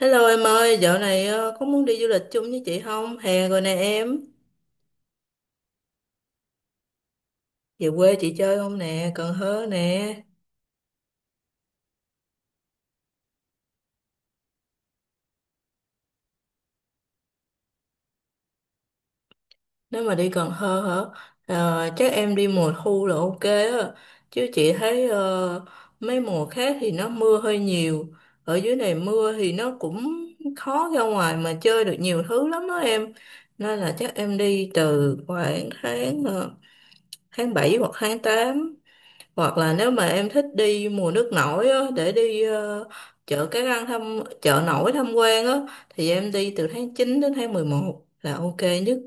Hello em ơi, dạo này có muốn đi du lịch chung với chị không? Hè rồi nè em. Về quê chị chơi không nè, Cần Thơ nè. Nếu mà đi Cần Thơ hả? Chắc em đi mùa thu là ok á. Chứ chị thấy mấy mùa khác thì nó mưa hơi nhiều. Ở dưới này mưa thì nó cũng khó ra ngoài mà chơi được nhiều thứ lắm đó em. Nên là chắc em đi từ khoảng tháng tháng 7 hoặc tháng 8. Hoặc là nếu mà em thích đi mùa nước nổi á, để đi chợ Cái Răng thăm chợ nổi tham quan á thì em đi từ tháng 9 đến tháng 11 là ok nhất.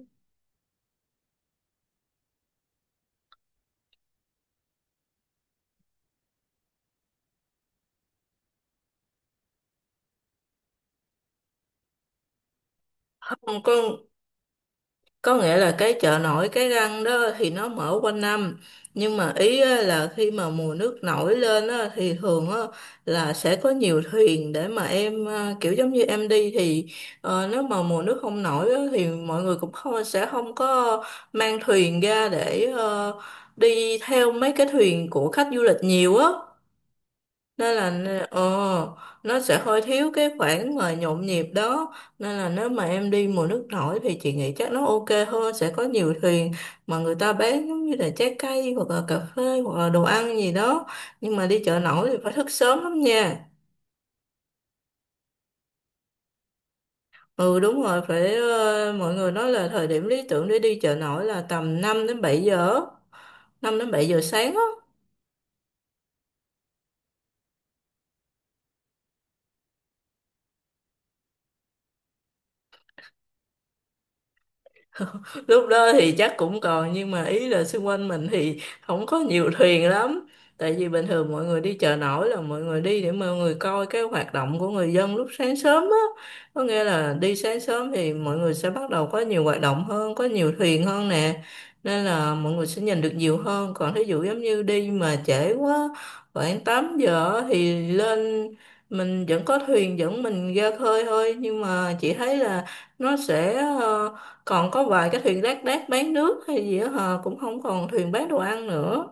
Còn có nghĩa là cái chợ nổi Cái Răng đó thì nó mở quanh năm, nhưng mà ý á là khi mà mùa nước nổi lên á, thì thường á, là sẽ có nhiều thuyền để mà em à, kiểu giống như em đi thì nếu mà mùa nước không nổi á, thì mọi người cũng không sẽ không có mang thuyền ra để đi theo mấy cái thuyền của khách du lịch nhiều á, nên là nè, nó sẽ hơi thiếu cái khoảng mà nhộn nhịp đó, nên là nếu mà em đi mùa nước nổi thì chị nghĩ chắc nó ok hơn, sẽ có nhiều thuyền mà người ta bán giống như là trái cây hoặc là cà phê hoặc là đồ ăn gì đó. Nhưng mà đi chợ nổi thì phải thức sớm lắm nha. Ừ đúng rồi, phải mọi người nói là thời điểm lý tưởng để đi chợ nổi là tầm 5 đến 7 giờ, 5 đến 7 giờ sáng á. Lúc đó thì chắc cũng còn, nhưng mà ý là xung quanh mình thì không có nhiều thuyền lắm, tại vì bình thường mọi người đi chợ nổi là mọi người đi để mọi người coi cái hoạt động của người dân lúc sáng sớm á. Có nghĩa là đi sáng sớm thì mọi người sẽ bắt đầu có nhiều hoạt động hơn, có nhiều thuyền hơn nè, nên là mọi người sẽ nhìn được nhiều hơn. Còn thí dụ giống như đi mà trễ quá, khoảng 8 giờ á, thì lên mình vẫn có thuyền, vẫn mình ra khơi thôi, nhưng mà chị thấy là nó sẽ ờ, còn có vài cái thuyền lác đác bán nước hay gì đó, hờ cũng không còn thuyền bán đồ ăn nữa.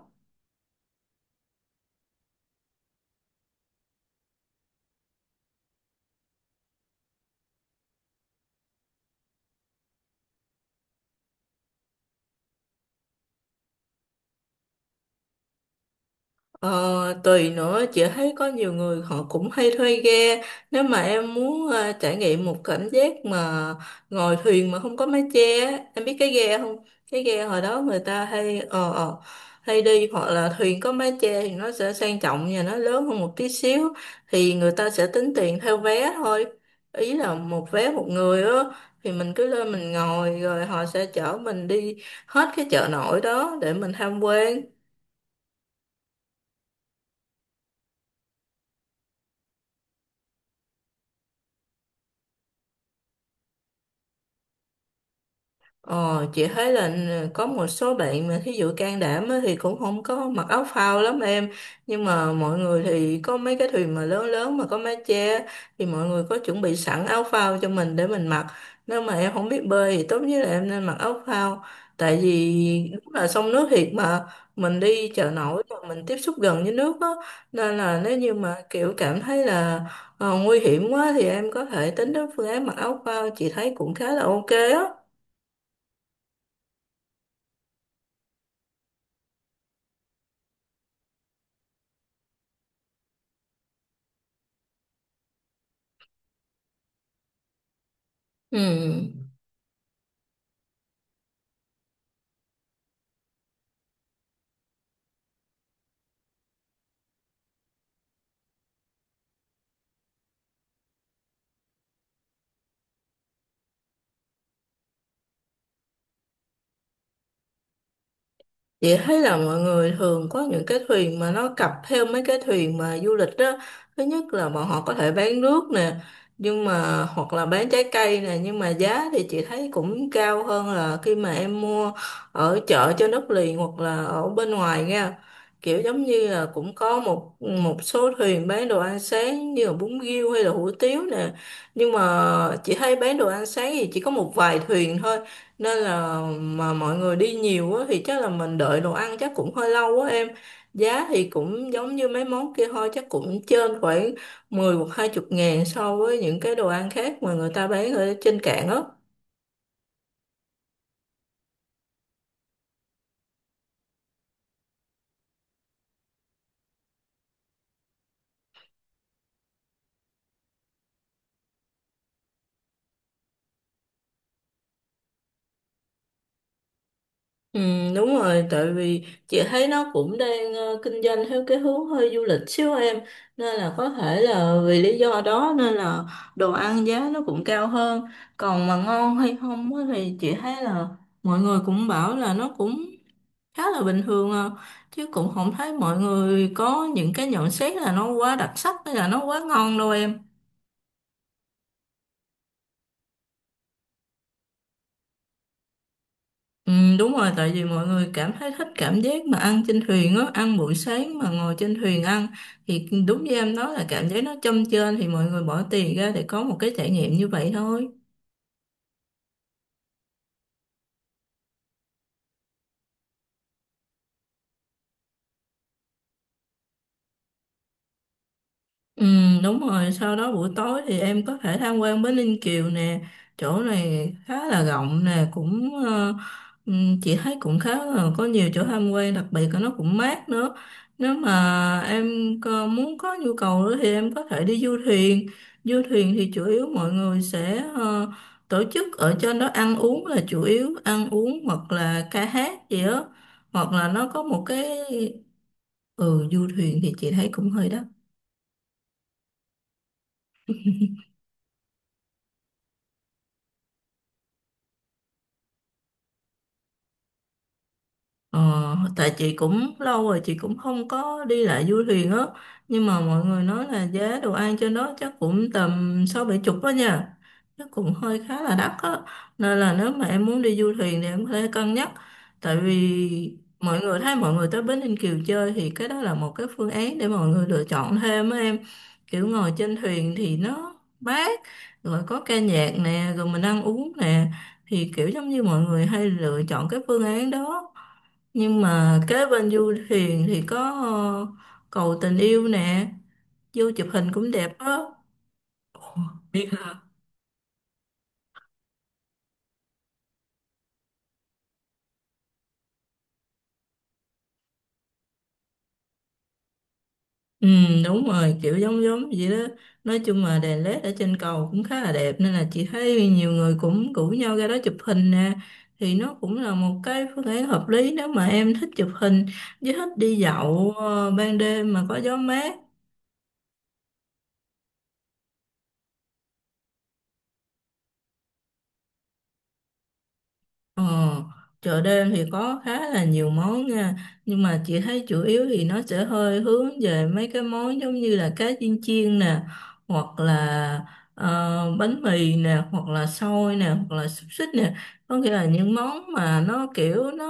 Ờ, tùy nữa, chị thấy có nhiều người họ cũng hay thuê ghe. Nếu mà em muốn trải nghiệm một cảm giác mà ngồi thuyền mà không có mái che á, em biết cái ghe không, cái ghe hồi đó người ta hay hay đi, hoặc là thuyền có mái che thì nó sẽ sang trọng và nó lớn hơn một tí xíu, thì người ta sẽ tính tiền theo vé thôi, ý là một vé một người á, thì mình cứ lên mình ngồi rồi họ sẽ chở mình đi hết cái chợ nổi đó để mình tham quan. Ờ, chị thấy là ừ, có một số bạn mà thí dụ can đảm á, thì cũng không có mặc áo phao lắm em, nhưng mà mọi người thì có mấy cái thuyền mà lớn lớn mà có mái che thì mọi người có chuẩn bị sẵn áo phao cho mình để mình mặc. Nếu mà em không biết bơi thì tốt nhất là em nên mặc áo phao, tại vì đúng là sông nước thiệt mà, mình đi chợ nổi và mình tiếp xúc gần với nước á, nên là nếu như mà kiểu cảm thấy là nguy hiểm quá thì em có thể tính đến phương án mặc áo phao, chị thấy cũng khá là ok á. Ừ. Chị thấy là mọi người thường có những cái thuyền mà nó cặp theo mấy cái thuyền mà du lịch đó. Thứ nhất là bọn họ có thể bán nước nè, nhưng mà hoặc là bán trái cây nè, nhưng mà giá thì chị thấy cũng cao hơn là khi mà em mua ở chợ trên đất liền hoặc là ở bên ngoài nha. Kiểu giống như là cũng có một một số thuyền bán đồ ăn sáng như là bún riêu hay là hủ tiếu nè. Nhưng mà chị thấy bán đồ ăn sáng thì chỉ có một vài thuyền thôi, nên là mà mọi người đi nhiều á thì chắc là mình đợi đồ ăn chắc cũng hơi lâu quá em. Giá thì cũng giống như mấy món kia thôi, chắc cũng trên khoảng 10 hoặc hai chục ngàn so với những cái đồ ăn khác mà người ta bán ở trên cạn á. Ừ, đúng rồi, tại vì chị thấy nó cũng đang kinh doanh theo cái hướng hơi du lịch xíu em, nên là có thể là vì lý do đó nên là đồ ăn giá nó cũng cao hơn. Còn mà ngon hay không á thì chị thấy là mọi người cũng bảo là nó cũng khá là bình thường à, chứ cũng không thấy mọi người có những cái nhận xét là nó quá đặc sắc hay là nó quá ngon đâu em. Ừ, đúng rồi, tại vì mọi người cảm thấy thích cảm giác mà ăn trên thuyền á, ăn buổi sáng mà ngồi trên thuyền ăn, thì đúng như em nói là cảm giác nó châm chênh, thì mọi người bỏ tiền ra để có một cái trải nghiệm như vậy thôi. Ừ, đúng rồi, sau đó buổi tối thì em có thể tham quan Bến Ninh Kiều nè, chỗ này khá là rộng nè, cũng chị thấy cũng khá là có nhiều chỗ tham quan, đặc biệt là nó cũng mát nữa. Nếu mà em muốn có nhu cầu nữa thì em có thể đi du thuyền. Du thuyền thì chủ yếu mọi người sẽ tổ chức ở trên đó ăn uống là chủ yếu, ăn uống hoặc là ca hát gì đó, hoặc là nó có một cái, ừ du thuyền thì chị thấy cũng hơi đắt. Ờ, tại chị cũng lâu rồi chị cũng không có đi lại du thuyền á, nhưng mà mọi người nói là giá đồ ăn trên đó chắc cũng tầm sáu bảy chục đó nha, chắc cũng hơi khá là đắt á, nên là nếu mà em muốn đi du thuyền thì em có thể cân nhắc, tại vì mọi người thấy mọi người tới Bến Ninh Kiều chơi thì cái đó là một cái phương án để mọi người lựa chọn thêm á em. Kiểu ngồi trên thuyền thì nó mát, rồi có ca nhạc nè, rồi mình ăn uống nè, thì kiểu giống như mọi người hay lựa chọn cái phương án đó. Nhưng mà kế bên du thuyền thì có ờ, cầu tình yêu nè, vô chụp hình cũng đẹp á. Biết hả, ừ đúng rồi, kiểu giống giống vậy đó, nói chung là đèn LED ở trên cầu cũng khá là đẹp nên là chị thấy nhiều người cũng rủ nhau ra đó chụp hình nè, thì nó cũng là một cái phương án hợp lý nếu mà em thích chụp hình với thích đi dạo ban đêm mà có gió mát. Ờ, chợ đêm thì có khá là nhiều món nha, nhưng mà chị thấy chủ yếu thì nó sẽ hơi hướng về mấy cái món giống như là cá chiên chiên nè, hoặc là bánh mì nè hoặc là xôi nè hoặc là xúc xích nè, có nghĩa là những món mà nó kiểu nó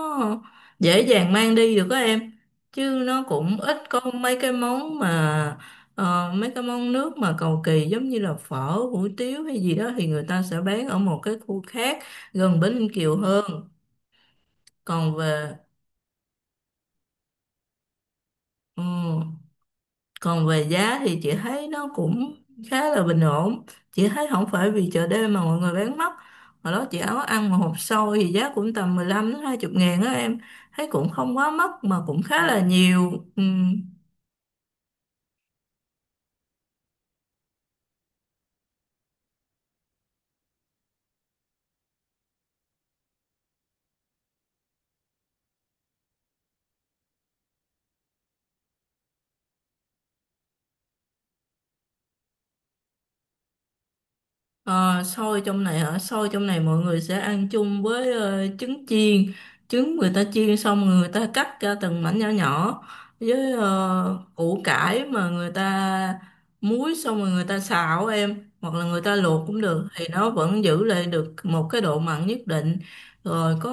dễ dàng mang đi được á em, chứ nó cũng ít có mấy cái món mà mấy cái món nước mà cầu kỳ giống như là phở hủ tiếu hay gì đó thì người ta sẽ bán ở một cái khu khác gần Bến Ninh Kiều hơn. Còn về ừ, còn về giá thì chị thấy nó cũng khá là bình ổn, chị thấy không phải vì chợ đêm mà mọi người bán mắc. Hồi đó chị áo ăn mà hộp xôi thì giá cũng tầm 15 đến 20 ngàn á em, thấy cũng không quá mắc mà cũng khá là nhiều. Ừ, ờ, xôi trong này hả? Xôi trong này mọi người sẽ ăn chung với trứng chiên. Trứng người ta chiên xong người ta cắt ra từng mảnh nhỏ nhỏ, với củ cải mà người ta muối xong rồi người ta xào em, hoặc là người ta luộc cũng được, thì nó vẫn giữ lại được một cái độ mặn nhất định. Rồi có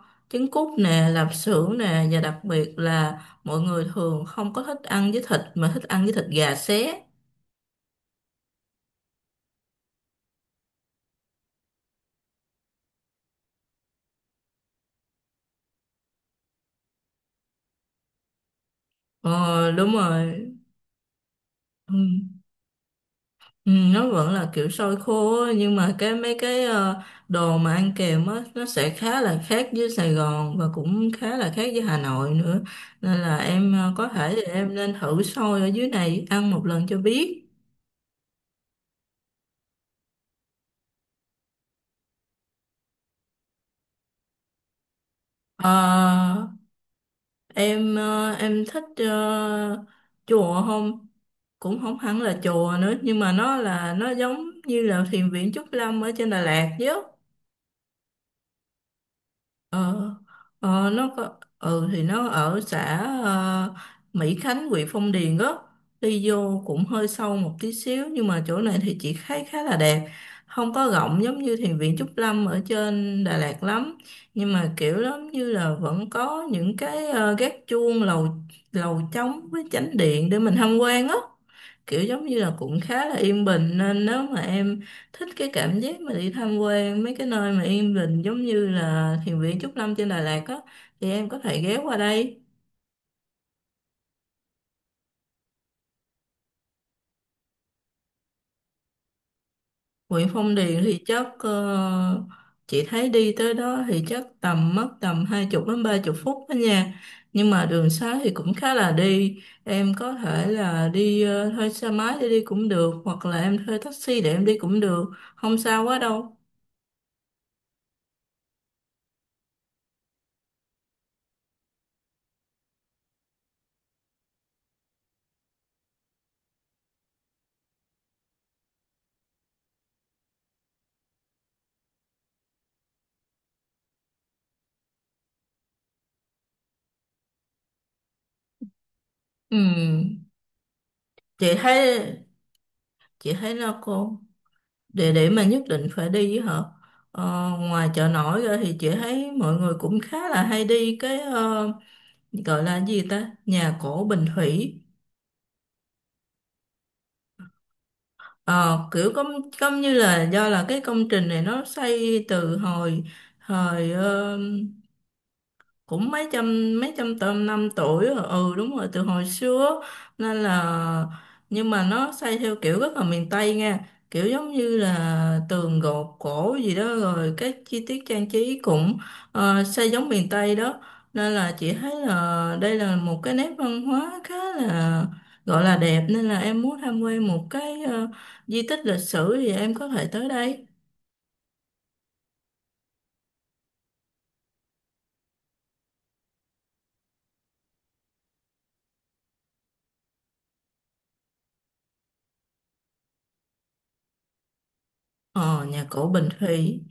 ờ, trứng cút nè, lạp xưởng nè, và đặc biệt là mọi người thường không có thích ăn với thịt mà thích ăn với thịt gà xé. Ờ đúng rồi. Ừ. Ừ, nó vẫn là kiểu xôi khô á, nhưng mà cái mấy cái đồ mà ăn kèm á nó sẽ khá là khác với Sài Gòn và cũng khá là khác với Hà Nội nữa, nên là em có thể thì em nên thử xôi ở dưới này ăn một lần cho biết. Ờ, em em thích chùa không, cũng không hẳn là chùa nữa, nhưng mà nó là nó giống như là thiền viện Trúc Lâm ở trên Đà Lạt chứ. Ờ, nó có, ừ thì nó ở xã ờ, Mỹ Khánh huyện Phong Điền đó, đi vô cũng hơi sâu một tí xíu, nhưng mà chỗ này thì chị thấy khá là đẹp, không có rộng giống như thiền viện Trúc Lâm ở trên Đà Lạt lắm, nhưng mà kiểu giống như là vẫn có những cái gác chuông lầu lầu trống với chánh điện để mình tham quan á, kiểu giống như là cũng khá là yên bình, nên nếu mà em thích cái cảm giác mà đi tham quan mấy cái nơi mà yên bình giống như là thiền viện Trúc Lâm trên Đà Lạt á thì em có thể ghé qua đây. Huyện Phong Điền thì chắc chị thấy đi tới đó thì chắc tầm mất tầm hai chục đến ba chục phút đó nha, nhưng mà đường xá thì cũng khá là đi, em có thể là đi thuê xe máy để đi cũng được hoặc là em thuê taxi để em đi cũng được, không sao quá đâu. Ừ, chị thấy chị thấy là địa điểm mà nhất định phải đi với hả, ngoài chợ nổi ra thì chị thấy mọi người cũng khá là hay đi cái gọi là gì ta, nhà cổ Bình Thủy. Ờ, kiểu công công như là do là cái công trình này nó xây từ hồi thời, cũng mấy trăm tôm năm tuổi rồi, ừ đúng rồi từ hồi xưa, nên là, nhưng mà nó xây theo kiểu rất là miền Tây nha, kiểu giống như là tường gột cổ gì đó rồi các chi tiết trang trí cũng xây giống miền Tây đó, nên là chị thấy là đây là một cái nét văn hóa khá là, gọi là đẹp, nên là em muốn tham quan một cái di tích lịch sử thì em có thể tới đây. Ờ nhà cổ Bình Thủy.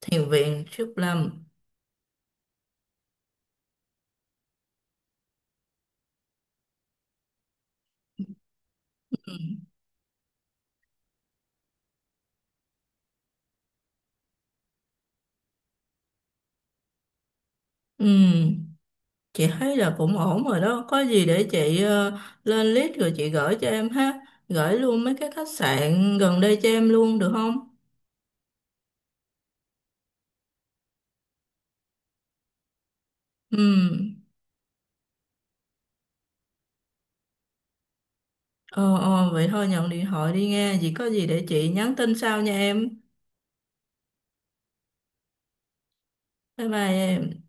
Thiền viện Trúc Lâm. Ừ. Ừ. Chị thấy là cũng ổn rồi đó, có gì để chị lên list rồi chị gửi cho em ha, gửi luôn mấy cái khách sạn gần đây cho em luôn được không? Ừ, ờ, vậy thôi nhận điện thoại đi nghe, gì có gì để chị nhắn tin sau nha em. Bye bye em.